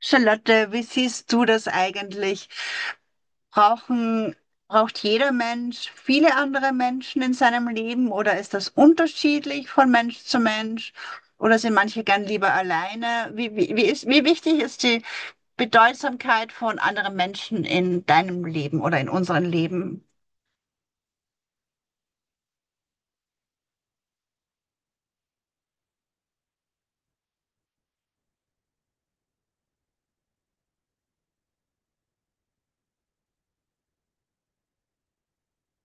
Charlotte, wie siehst du das eigentlich? Brauchen, braucht jeder Mensch viele andere Menschen in seinem Leben oder ist das unterschiedlich von Mensch zu Mensch? Oder sind manche gern lieber alleine? Wie wichtig ist die Bedeutsamkeit von anderen Menschen in deinem Leben oder in unserem Leben?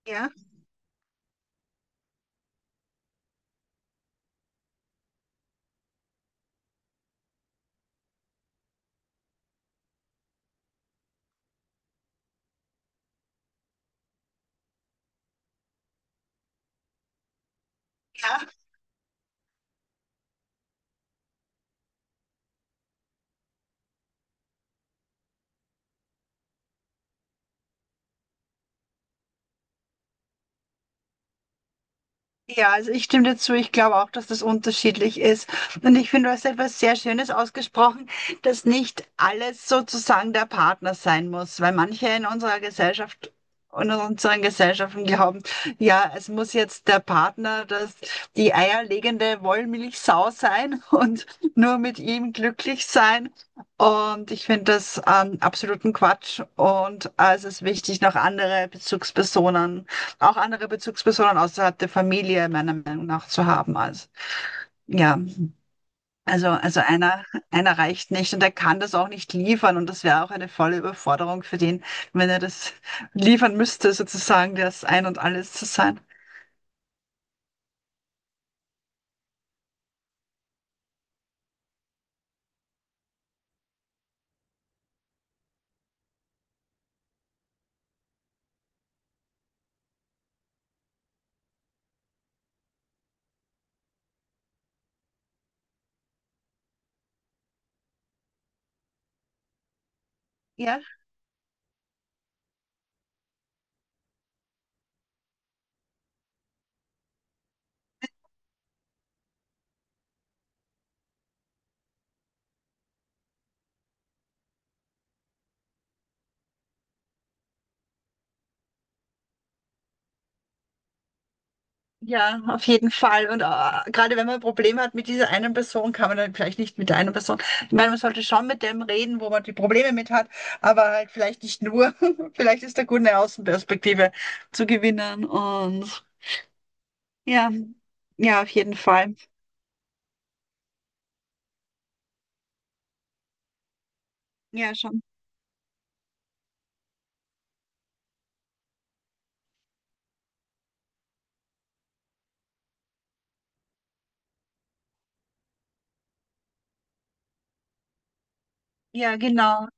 Ja. Ja, also ich stimme dazu. Ich glaube auch, dass das unterschiedlich ist. Und ich finde, du hast etwas sehr Schönes ausgesprochen, dass nicht alles sozusagen der Partner sein muss, weil manche in unserer Gesellschaft und in unseren Gesellschaften glauben, ja, es muss jetzt der Partner, das die eierlegende Wollmilchsau sein und nur mit ihm glücklich sein. Und ich finde das absoluten Quatsch. Und es ist wichtig, noch andere Bezugspersonen auch andere Bezugspersonen außerhalb der Familie meiner Meinung nach zu haben. Also, ja, also einer reicht nicht und er kann das auch nicht liefern und das wäre auch eine volle Überforderung für den, wenn er das liefern müsste, sozusagen das Ein und Alles zu sein. Ja, ja, auf jeden Fall. Und gerade wenn man Probleme hat mit dieser einen Person, kann man dann vielleicht nicht mit der einen Person. Ich meine, man sollte schon mit dem reden, wo man die Probleme mit hat, aber halt vielleicht nicht nur. Vielleicht ist da gut, eine Außenperspektive zu gewinnen. Und ja, ja, auf jeden Fall. Ja, schon. Ja, genau.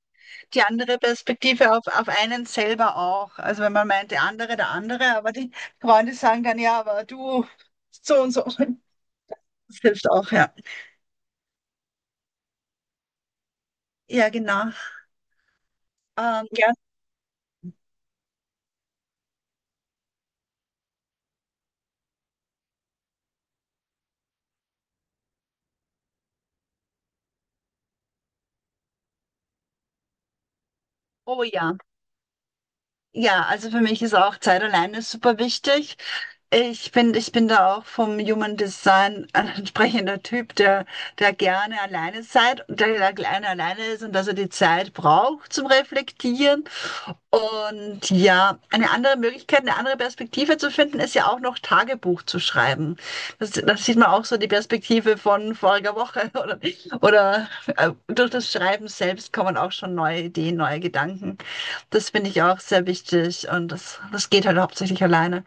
Die andere Perspektive auf einen selber auch. Also wenn man meint, der andere, aber die Freunde sagen dann, ja, aber du so und so. Das hilft auch, ja. Ja, genau. Ja. Oh ja. Ja, also für mich ist auch Zeit alleine super wichtig. Ich bin da auch vom Human Design ein entsprechender Typ, der gerne alleine seid, der gerne alleine ist und dass er die Zeit braucht zum Reflektieren. Und ja, eine andere Möglichkeit, eine andere Perspektive zu finden, ist ja auch noch Tagebuch zu schreiben. Das sieht man auch so die Perspektive von voriger Woche oder durch das Schreiben selbst kommen auch schon neue Ideen, neue Gedanken. Das finde ich auch sehr wichtig und das geht halt hauptsächlich alleine.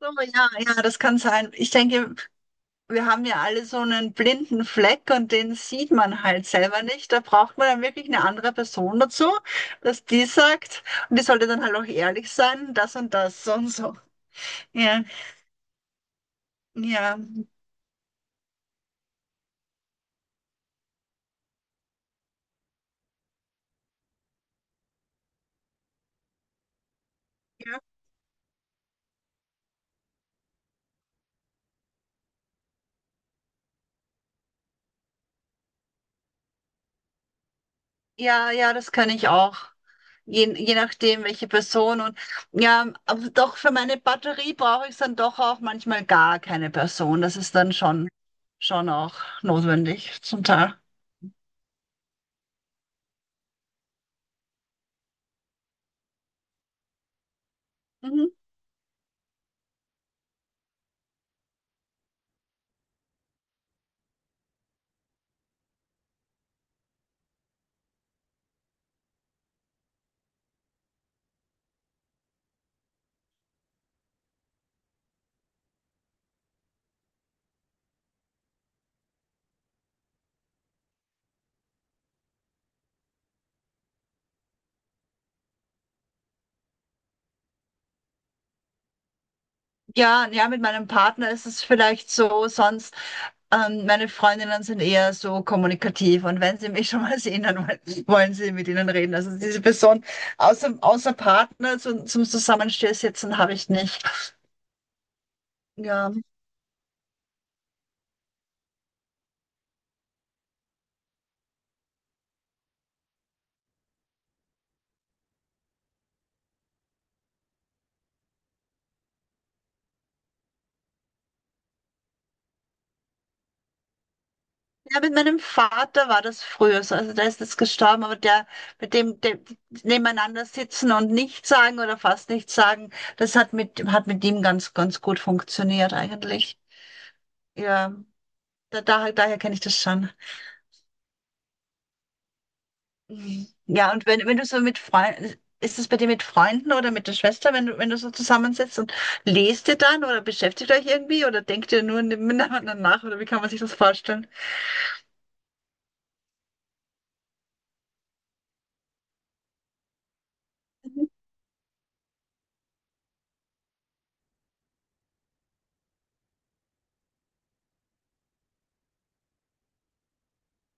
So, ja, ja, das kann sein. Ich denke, wir haben ja alle so einen blinden Fleck und den sieht man halt selber nicht. Da braucht man dann wirklich eine andere Person dazu, dass die sagt, und die sollte dann halt auch ehrlich sein, das und das, so und so. Ja, ja, ja, ja, ja, das kann ich auch. Je nachdem, welche Person und ja, aber doch für meine Batterie brauche ich dann doch auch manchmal gar keine Person. Das ist dann schon auch notwendig zum Teil. Mhm. Ja, ja, mit meinem Partner ist es vielleicht so, sonst meine Freundinnen sind eher so kommunikativ und wenn sie mich schon mal sehen, dann wollen sie mit ihnen reden. Also diese Person außer Partner zum Zusammenstehsitzen habe ich nicht. Ja. Ja, mit meinem Vater war das früher so. Also der ist jetzt gestorben, aber der mit dem nebeneinander sitzen und nichts sagen oder fast nichts sagen, das hat mit ihm ganz gut funktioniert eigentlich. Ja, daher kenne ich das schon. Mhm. Ja, und wenn du so mit Freunden, ist es bei dir mit Freunden oder mit der Schwester, wenn du so zusammensitzt und lest ihr dann oder beschäftigt euch irgendwie oder denkt ihr nur miteinander nach oder wie kann man sich das vorstellen?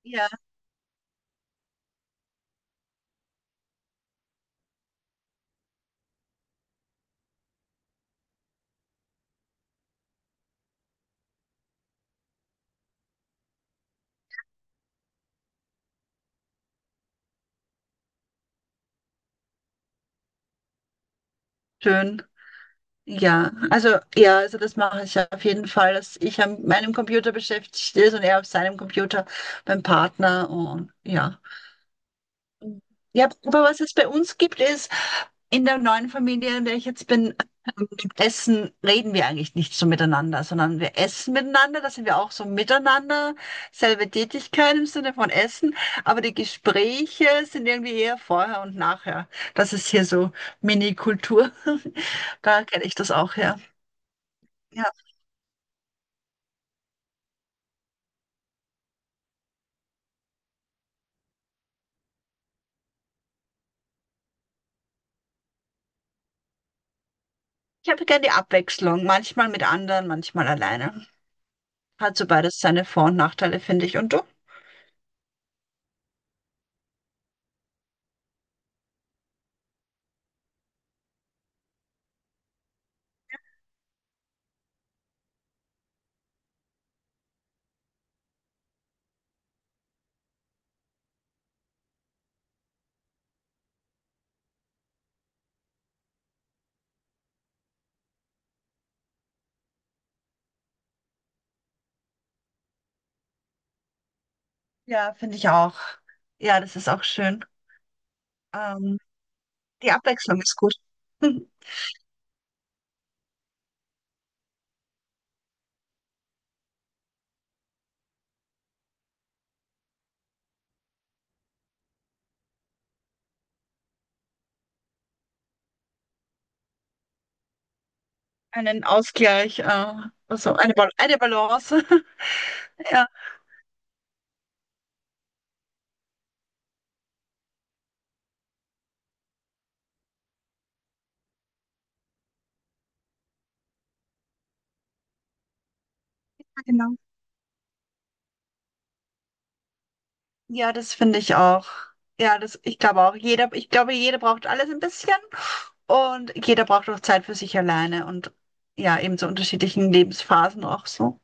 Ja, schön. Ja, also das mache ich auf jeden Fall, dass ich an meinem Computer beschäftigt ist und er auf seinem Computer beim Partner und ja. Ja, aber was es bei uns gibt, ist in der neuen Familie, in der ich jetzt bin, Essen reden wir eigentlich nicht so miteinander, sondern wir essen miteinander, da sind wir auch so miteinander, selbe Tätigkeit im Sinne von Essen, aber die Gespräche sind irgendwie eher vorher und nachher. Das ist hier so Mini-Kultur. Da kenne ich das auch her. Ja. Ich habe gerne die Abwechslung, manchmal mit anderen, manchmal alleine. Hat so beides seine Vor- und Nachteile, finde ich. Und du? Ja, finde ich auch. Ja, das ist auch schön. Ähm, die Abwechslung ist gut. einen Ausgleich, also eine, Bal eine Balance. Ja, genau. Ja, das finde ich auch. Ja, das, ich glaube auch. Jeder, ich glaube, jeder braucht alles ein bisschen und jeder braucht auch Zeit für sich alleine und ja, eben zu unterschiedlichen Lebensphasen auch so.